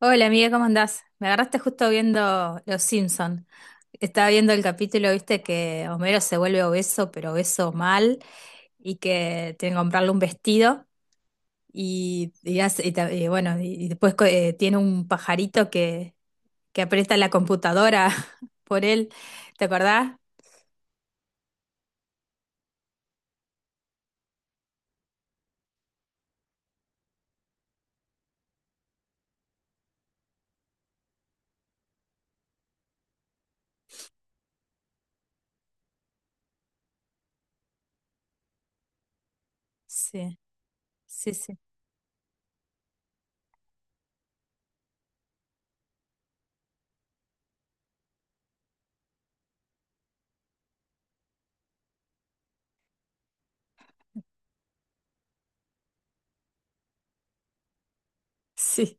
Hola amiga, ¿cómo andás? Me agarraste justo viendo Los Simpson. Estaba viendo el capítulo, viste, que Homero se vuelve obeso, pero obeso mal, y que tiene que comprarle un vestido, y hace- y bueno, y después co- tiene un pajarito que aprieta la computadora por él. ¿Te acordás? Sí, sí, sí, sí.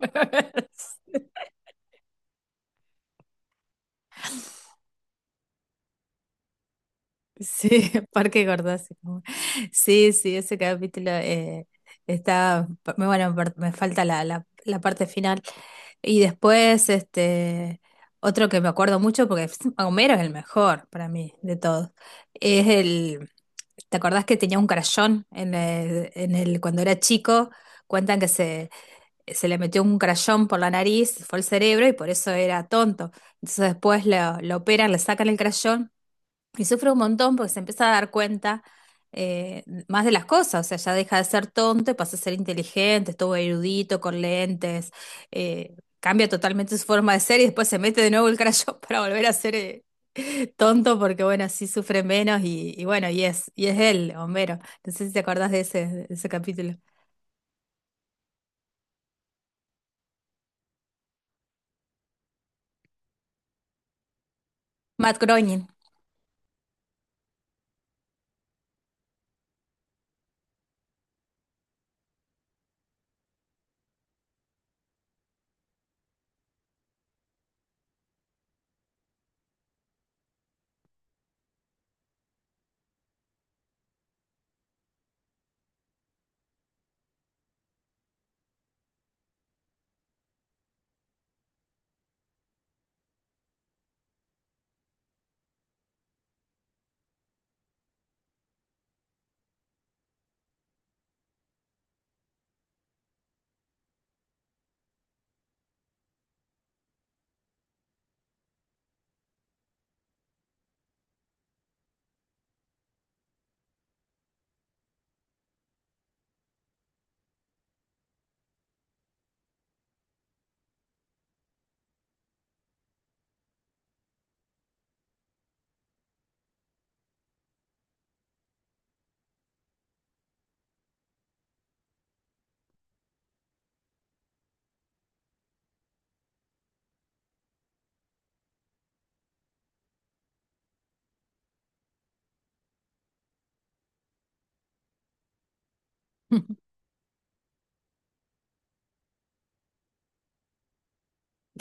Sí, Parque Gordóxico. Sí, sí, ese capítulo está, me- bueno, per- me falta la parte final. Y después, este, otro que me acuerdo mucho, porque es- Homero es el mejor para mí de todos, es el, ¿te acordás que tenía un crayón en el, cuando era chico? Cuentan que se le metió un crayón por la nariz, fue el cerebro y por eso era tonto. Entonces después lo operan, le sacan el crayón y sufre un montón porque se empieza a dar cuenta más de las cosas, o sea, ya deja de ser tonto y pasa a ser inteligente, estuvo erudito, con lentes, eh, cambia totalmente su forma de ser y después se mete de nuevo el crayón para volver a ser tonto porque, bueno, así sufre menos y bueno, y es él, Homero. No sé si te acordás de ese capítulo. Matt Groening.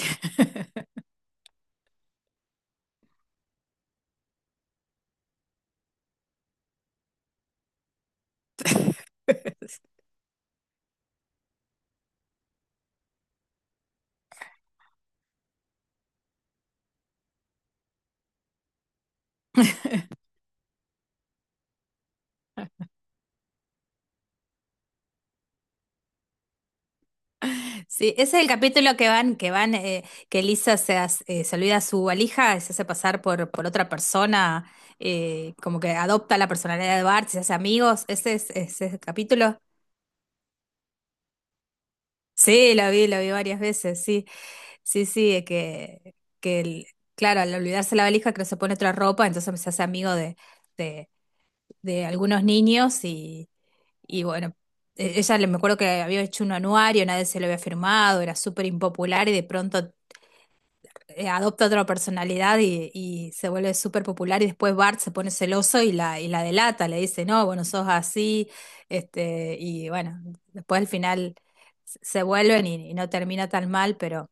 Sí, ese es el capítulo que van, que van, que Lisa se, hace- se olvida su valija, se hace pasar por otra persona, como que adopta la personalidad de Bart, se hace amigos. Ese es el capítulo. Sí, lo vi varias veces, sí, sí, sí, que el- claro, al olvidarse la valija, creo que se pone otra ropa, entonces se hace amigo de, de algunos niños y bueno. Ella le me acuerdo que había hecho un anuario, nadie se lo había firmado, era súper impopular y de pronto adopta otra personalidad y se vuelve súper popular y después Bart se pone celoso y la delata, le dice, no, bueno, sos así, este, y bueno, después al final se vuelven y no termina tan mal,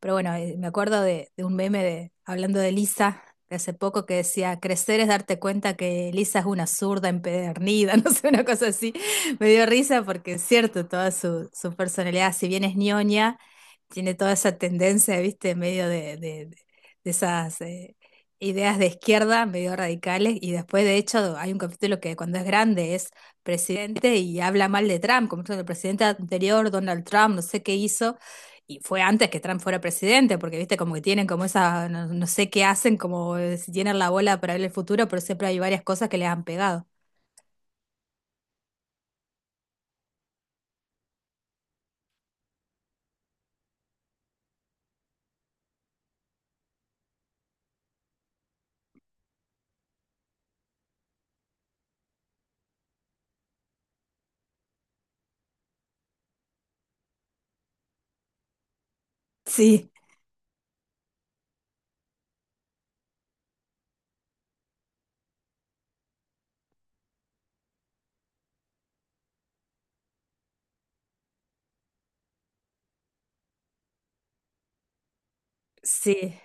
pero bueno, me acuerdo de un meme de, hablando de Lisa de hace poco que decía, crecer es darte cuenta que Lisa es una zurda empedernida, no sé, una cosa así. Me dio risa porque es cierto, toda su, su personalidad, si bien es ñoña, tiene toda esa tendencia, viste, en medio de esas ideas de izquierda, medio radicales, y después, de hecho, hay un capítulo que cuando es grande es presidente y habla mal de Trump, como diciendo, el presidente anterior, Donald Trump, no sé qué hizo y fue antes que Trump fuera presidente, porque viste como que tienen como esa, no, no sé qué hacen, como si tienen la bola para ver el futuro, pero siempre hay varias cosas que les han pegado. Sí, sí,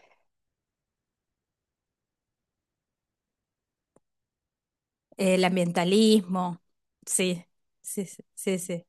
el ambientalismo, sí, sí, sí, sí,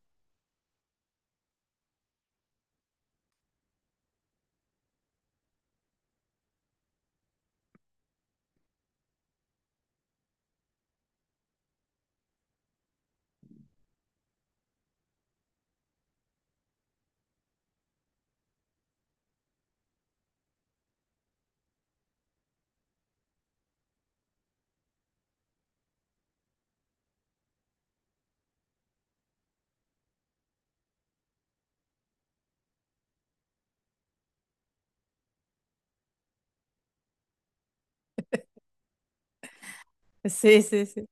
sí, sí, sí. Sí.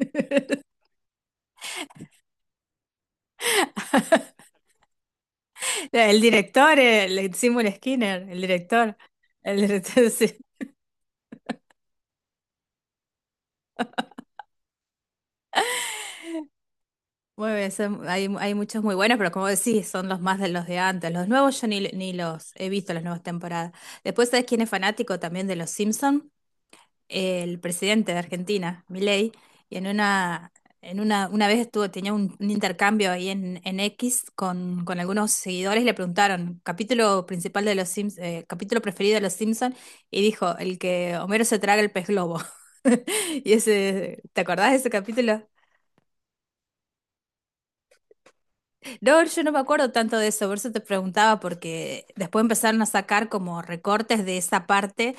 El director, el Seymour Skinner, el director, sí. Muy bien, son- hay muchos muy buenos, pero como decís, son los más de los de antes. Los nuevos yo ni, ni los he visto, las nuevas temporadas. Después, ¿sabes quién es fanático también de los Simpson? El presidente de Argentina, Milei, y en una vez estuvo, tenía un intercambio ahí en X con algunos seguidores y le preguntaron, capítulo principal de los Sims, capítulo preferido de los Simpson, y dijo, el que Homero se traga el pez globo. Y ese, ¿te acordás de ese capítulo? No, yo no me acuerdo tanto de eso, por eso te preguntaba, porque después empezaron a sacar como recortes de esa parte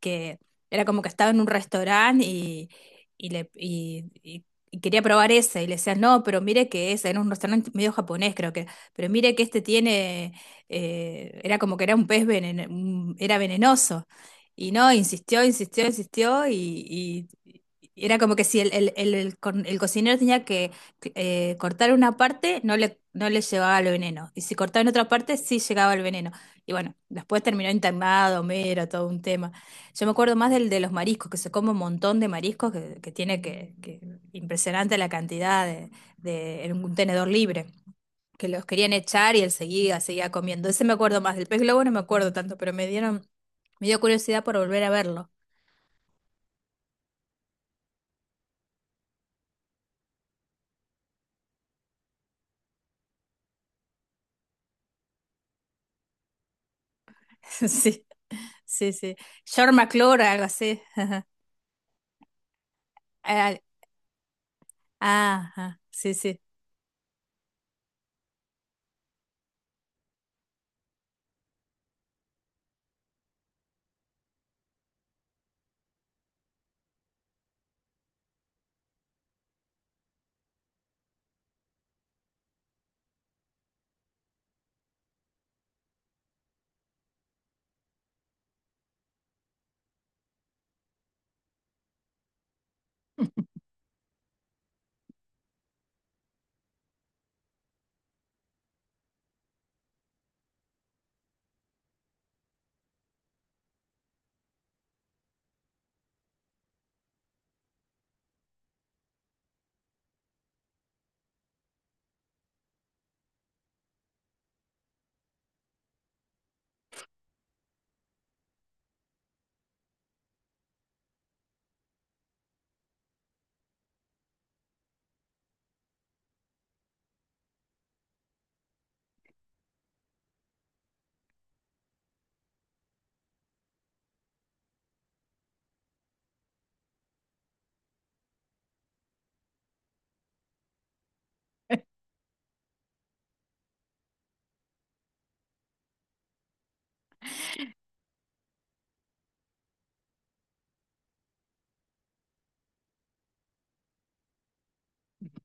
que era como que estaba en un restaurante y, le, y quería probar ese. Y le decían, no, pero mire que ese, era un restaurante medio japonés, creo que, pero mire que este tiene, era como que era un pez veneno, un- era venenoso. Y no, insistió, insistió, insistió y era como que si el co- el cocinero tenía que cortar una parte, no le, no le llevaba el veneno. Y si cortaba en otra parte, sí llegaba el veneno. Y bueno, después terminó internado, mero, todo un tema. Yo me acuerdo más del de los mariscos, que se come un montón de mariscos, que tiene que- impresionante la cantidad de- en un tenedor libre, que los querían echar y él seguía, seguía comiendo. Ese me acuerdo más, del pez globo no me acuerdo tanto, pero me dieron, me dio curiosidad por volver a verlo. Sí, sí, sí. George McClure, algo así. Ah, ajá, sí, sí.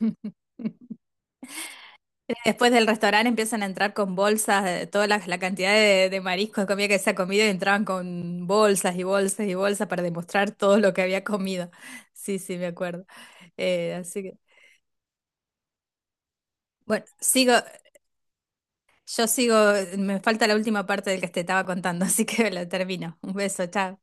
Después del restaurante empiezan a entrar con bolsas, toda la, la cantidad de mariscos que comida que se ha comido y entraban con bolsas y bolsas y bolsas para demostrar todo lo que había comido. Sí, sí, me acuerdo. Así que, bueno, sigo, yo sigo, me falta la última parte del que te estaba contando, así que la termino. Un beso, chao.